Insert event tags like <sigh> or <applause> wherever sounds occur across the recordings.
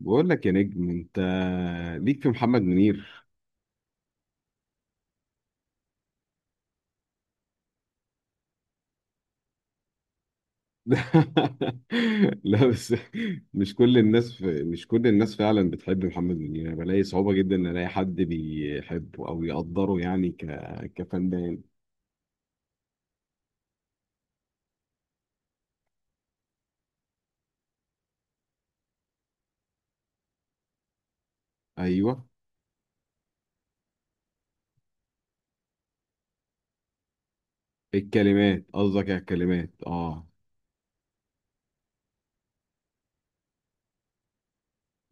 بقول لك يا نجم، انت ليك في محمد منير. <laughs> لا بس، مش كل الناس فعلا بتحب محمد منير. انا بلاقي صعوبة جدا ان الاقي حد بيحبه او يقدره، يعني كفنان. ايوه، الكلمات، قصدك على الكلمات. اه.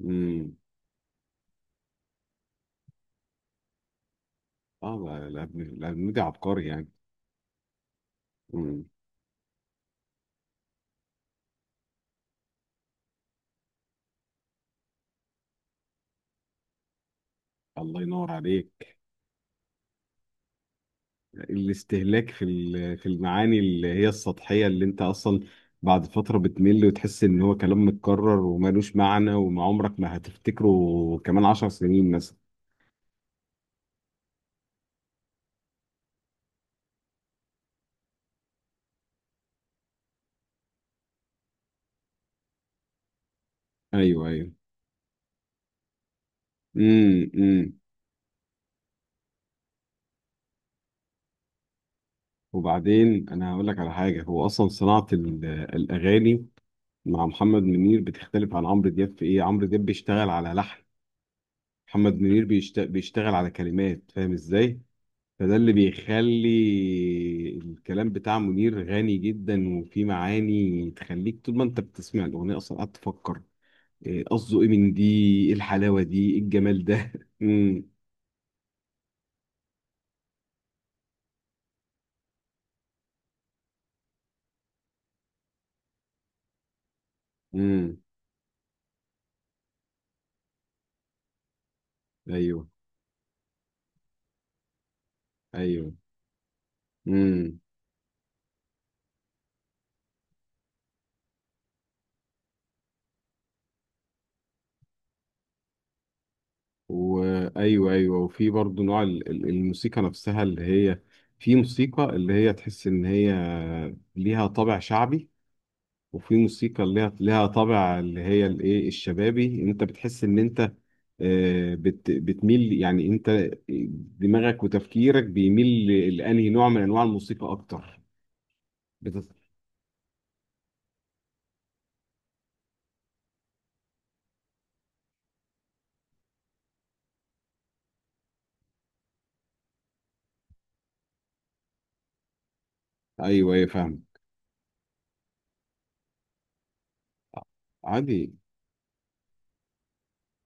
امم. اه، لا، لا، الابنودي عبقري يعني. امم. الله ينور عليك. الاستهلاك في في المعاني اللي هي السطحية، اللي انت اصلا بعد فترة بتمل وتحس ان هو كلام متكرر ومالوش معنى، وما عمرك ما هتفتكره كمان 10 سنين مثلا. ايوه، ايوه. امم، امم. وبعدين انا هقول لك على حاجة، هو اصلا صناعة الاغاني مع محمد منير بتختلف عن عمرو دياب في ايه. عمرو دياب بيشتغل على لحن، محمد منير بيشتغل على كلمات. فاهم ازاي؟ فده اللي بيخلي الكلام بتاع منير غني جدا، وفي معاني تخليك طول ما انت بتسمع الاغنيه اصلا قاعد تفكر، إيه قصده، ايه من دي، ايه الحلاوه دي، ايه الجمال ده. <laughs> امم، امم. ايوه، ايوه. امم. وايوه، ايوه، أيوه، وفي برضه نوع الموسيقى نفسها اللي هي، في موسيقى اللي هي تحس ان هي ليها طابع شعبي، وفي موسيقى اللي هي ليها طابع اللي هي الايه الشبابي، ان انت بتحس ان انت بتميل. يعني انت دماغك وتفكيرك بيميل لانهي نوع من انواع الموسيقى اكتر. بت... ايوه ايوه، فاهم. عادي.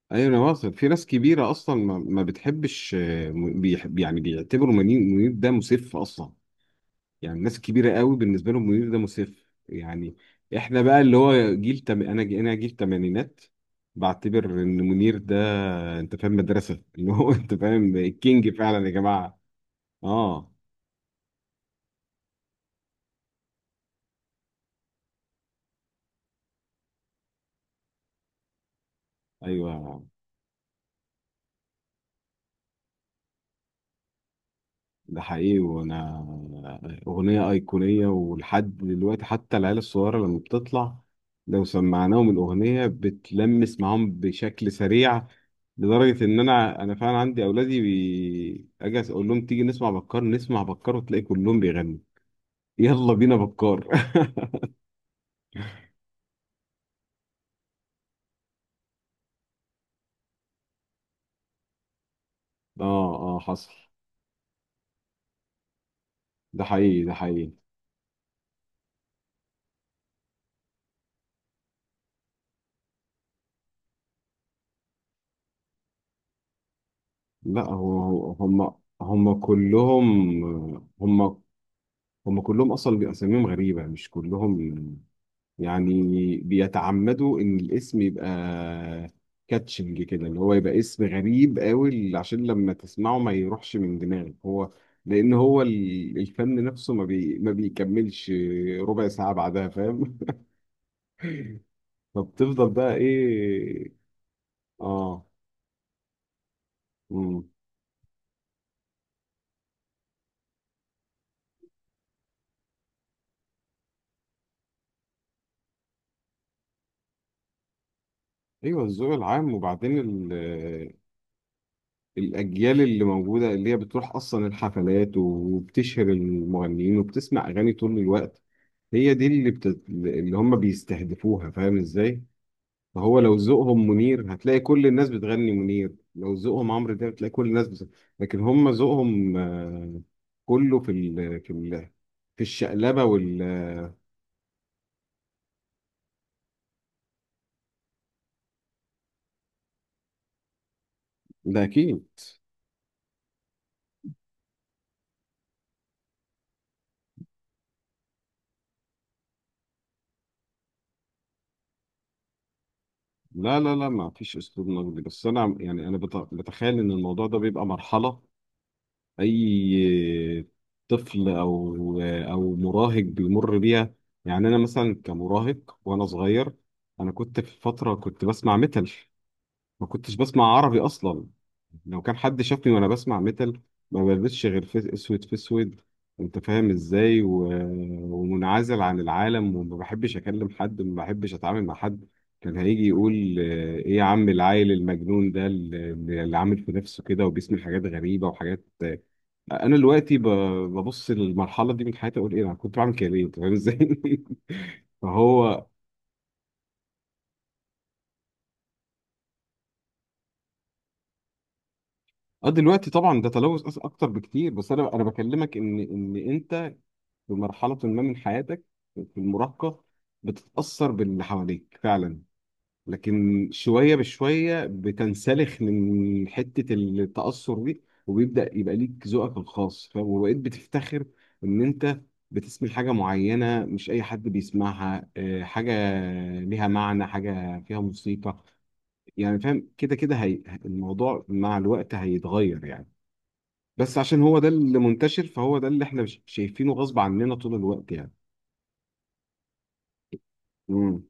ايوه، انا واصل. في ناس كبيره اصلا ما بتحبش، بيحب يعني، بيعتبروا منير ده مسف اصلا. يعني الناس الكبيره قوي بالنسبه لهم منير ده مسف يعني. احنا بقى اللي هو جيل تم... انا ج- انا جيل تمانينات، بعتبر ان منير ده، انت فاهم، مدرسه <laughs> اللي هو انت فاهم الكينج فعلا يا جماعه. اه. ايوه. ده حقيقي، وانا، اغنيه ايقونيه ولحد دلوقتي حتى العيال الصغيره لما بتطلع لو سمعناهم الاغنيه بتلمس معاهم بشكل سريع. لدرجه ان انا فعلا عندي اولادي اجي اقول لهم تيجي نسمع بكار، نسمع بكار، وتلاقي كلهم بيغنوا. <laughs> يلا بينا بكار. <laughs> اه، اه، حصل. ده حقيقي، ده حقيقي. لا، هم كلهم هم هم كلهم اصلا بيبقى اساميهم غريبه، مش كلهم يعني، بيتعمدوا ان الاسم يبقى كاتشنج كده، اللي هو يبقى اسم غريب قوي عشان لما تسمعه ما يروحش من دماغك هو، لان هو الفن نفسه ما بيكملش ربع ساعة بعدها، فاهم. <laughs> فبتفضل بقى ايه. اه. مم. ايوه، الذوق العام. وبعدين ال- الاجيال اللي موجوده، اللي هي بتروح اصلا الحفلات وبتشهر المغنيين وبتسمع اغاني طول الوقت، هي دي اللي اللي هم بيستهدفوها، فاهم ازاي؟ فهو لو ذوقهم منير هتلاقي كل الناس بتغني منير، لو ذوقهم عمرو دياب هتلاقي كل الناس لكن هم ذوقهم كله في في الشقلبة وال. ده أكيد. لا، لا، لا، ما فيش أسلوب نقدي، بس أنا يعني أنا بتخيل إن الموضوع ده بيبقى مرحلة اي طفل او مراهق بيمر بيها. يعني انا مثلا كمراهق وانا صغير، انا كنت في فتره كنت بسمع ميتال، ما كنتش بسمع عربي اصلا. لو كان حد شافني وانا بسمع ميتال ما بلبسش غير في اسود، في اسود. انت فاهم ازاي ومنعزل عن العالم، وما بحبش اكلم حد، ما بحبش اتعامل مع حد. كان هيجي يقول ايه يا عم العيل المجنون ده اللي عامل في نفسه كده وبيسمع حاجات غريبه وحاجات. انا دلوقتي ببص للمرحله دي من حياتي اقول ايه انا كنت بعمل كده ليه، انت فاهم ازاي؟ <laughs> فهو، اه، دلوقتي طبعا ده تلوث اكتر بكتير، بس انا بكلمك ان انت في مرحله ما من حياتك، في المراهقه بتتاثر باللي حواليك فعلا. لكن شوية بشوية بتنسلخ من حتة التأثر دي، وبيبدأ يبقى ليك ذوقك الخاص، فاهم، وبقيت بتفتخر إن أنت بتسمع حاجة معينة مش أي حد بيسمعها، حاجة ليها معنى، حاجة فيها موسيقى. يعني فاهم. كده كده هي، الموضوع مع الوقت هيتغير يعني، بس عشان هو ده اللي منتشر فهو ده اللي احنا شايفينه غصب عننا طول الوقت يعني. مم.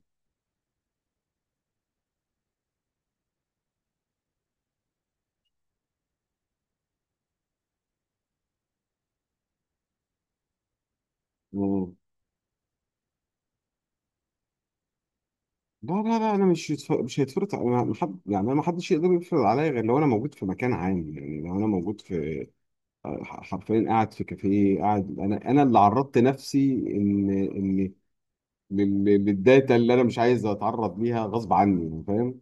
لا، لا، لا، انا مش مش هيتفرض، انا محد، يعني انا محدش يقدر يفرض عليا غير لو انا موجود في مكان عام، يعني لو انا موجود في حرفيا قاعد في كافيه قاعد، انا اللي عرضت نفسي ان للداتا اللي انا مش عايز اتعرض ليها غصب عني، فاهم.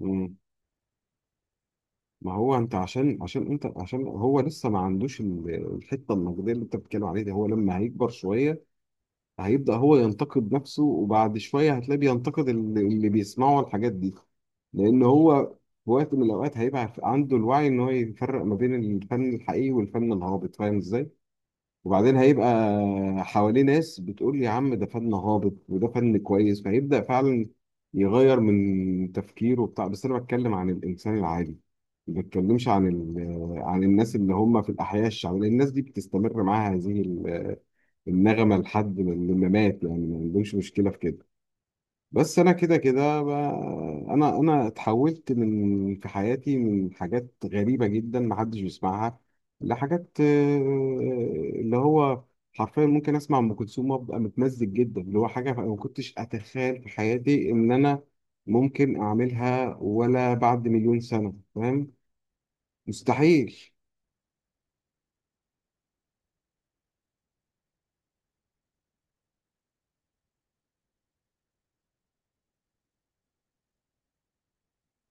مم. ما هو انت، عشان انت عشان هو لسه ما عندوش الحته النقديه اللي انت بتتكلم عليها دي، هو لما هيكبر شويه هيبدأ هو ينتقد نفسه، وبعد شوية هتلاقيه بينتقد اللي بيسمعوا الحاجات دي. لأن هو في وقت من الأوقات هيبقى عنده الوعي إن هو يفرق ما بين الفن الحقيقي والفن الهابط، فاهم إزاي؟ وبعدين هيبقى حواليه ناس بتقول يا عم ده فن هابط وده فن كويس، فهيبدأ فعلا يغير من تفكيره وبتاع، بس أنا بتكلم عن الإنسان العادي، ما بتكلمش عن عن الناس اللي هم في الأحياء الشعبية، لأن الناس دي بتستمر معاها هذه النغمة لحد لما مات يعني، ما عندهمش مشكلة في كده. بس أنا كده كده أنا اتحولت من في حياتي من حاجات غريبة جدا محدش بيسمعها، لحاجات اللي هو حرفيا ممكن أسمع أم كلثوم وأبقى متمزج جدا، اللي هو حاجة ما كنتش أتخيل في حياتي إن أنا ممكن أعملها ولا بعد مليون سنة، فاهم. مستحيل.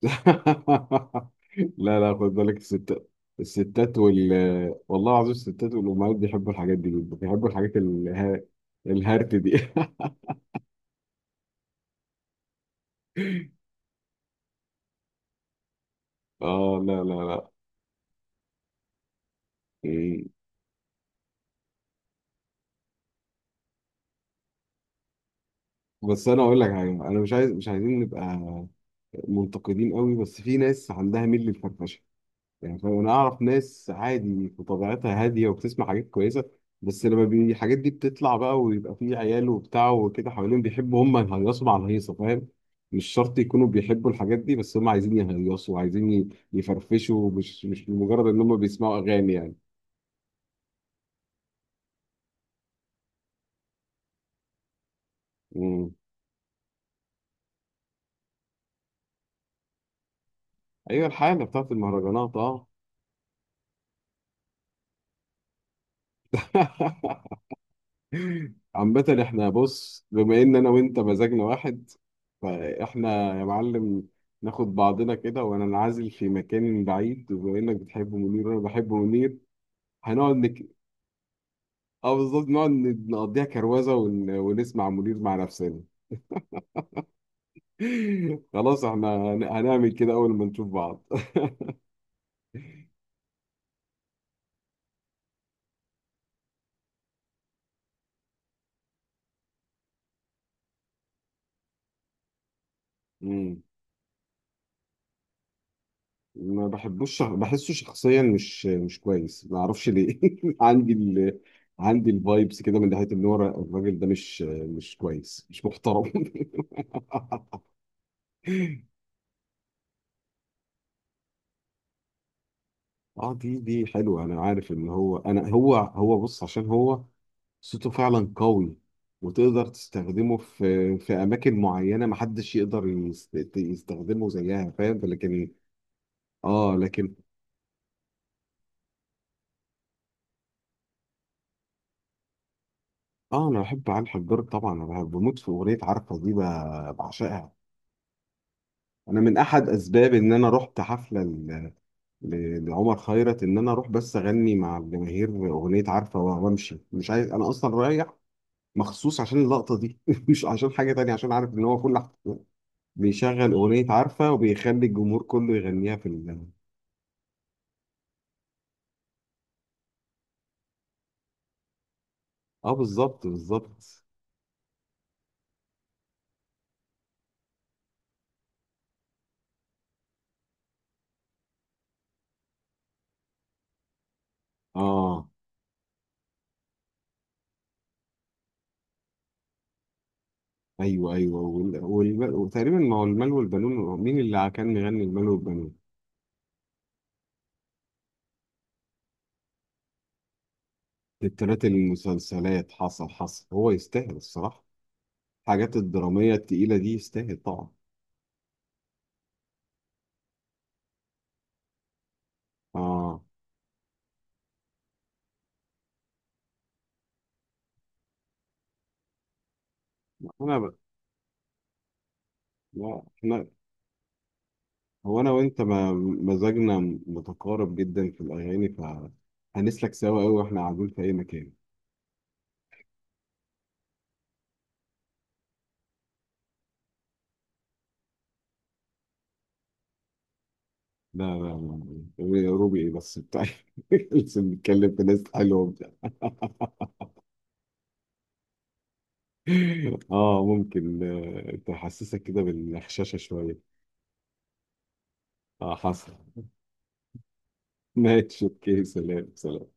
<laughs> لا، لا، خد بالك الستات، الستات والله العظيم الستات والأمهات بيحبوا الحاجات دي جدا، بيحبوا الحاجات الهرت دي. <laughs> اه، لا، لا، لا. إيه. بس انا اقول لك حاجه، انا مش عايزين نبقى منتقدين قوي، بس في ناس عندها ميل للفرفشه. يعني فانا اعرف ناس عادي في طبيعتها هاديه وبتسمع حاجات كويسه، بس لما الحاجات دي بتطلع بقى، ويبقى فيه عيال وبتاع وكده حوالين بيحبوا هم يهيصوا مع الهيصه، فاهم. مش شرط يكونوا بيحبوا الحاجات دي، بس هم عايزين يهيصوا وعايزين يفرفشوا، مش مجرد ان هم بيسمعوا اغاني يعني. امم. ايوه الحاله بتاعت المهرجانات. اه. <laughs> عامة احنا بص، بما ان انا وانت مزاجنا واحد فاحنا يا معلم ناخد بعضنا كده وانا انعزل في مكان بعيد، وبما انك بتحب منير وانا بحب منير هنقعد اه بالظبط، نقعد نقضيها كروزة ونسمع منير مع نفسنا. <laughs> خلاص احنا هنعمل كده اول ما نشوف بعض. <laughs> مم. ما بحبوش، بحسه شخصيا مش كويس، ما اعرفش ليه. <laughs> عندي عندي الفايبس كده من ناحيه ان هو الراجل ده مش كويس، مش محترم. <laughs> اه، دي حلوه، انا عارف ان هو، انا هو هو بص، عشان هو صوته فعلا قوي، وتقدر تستخدمه في اماكن معينه محدش يقدر يستخدمه زيها، فاهم. لكن. اه لكن. اه، انا بحب علي الحجار طبعا، انا بموت في اغنيه عارفه دي بعشقها. انا من احد اسباب ان انا رحت حفله لعمر خيرت ان انا اروح بس اغني مع الجماهير اغنيه عارفه وامشي، مش عايز انا اصلا رايح مخصوص عشان اللقطه دي <laughs> مش عشان حاجه تانية، عشان عارف ان هو بيشغل اغنيه عارفه وبيخلي الجمهور كله يغنيها في اه بالظبط بالظبط. اه، ايوه، ايوه، وتقريبا، ما هو المال والبنون، مين اللي كان مغني المال والبنون؟ تترات المسلسلات، حصل حصل، هو يستاهل الصراحه الحاجات الدرامية التقيلة دي، يستاهل طبعا. اه، انا لا احنا، هو انا وانت ما... مزاجنا متقارب جدا في الاغاني، فهنسلك سوا قوي واحنا قاعدين في اي مكان. لا، لا، لا، لا. روبي ايه بس بتاع. <laughs> لسه بنتكلم في ناس حلوه وبتاع. <laughs> اه، ممكن تحسسك كده بالغشاشة شوية. اه، حصل. <laughs> ماشي اوكي، سلام، سلام.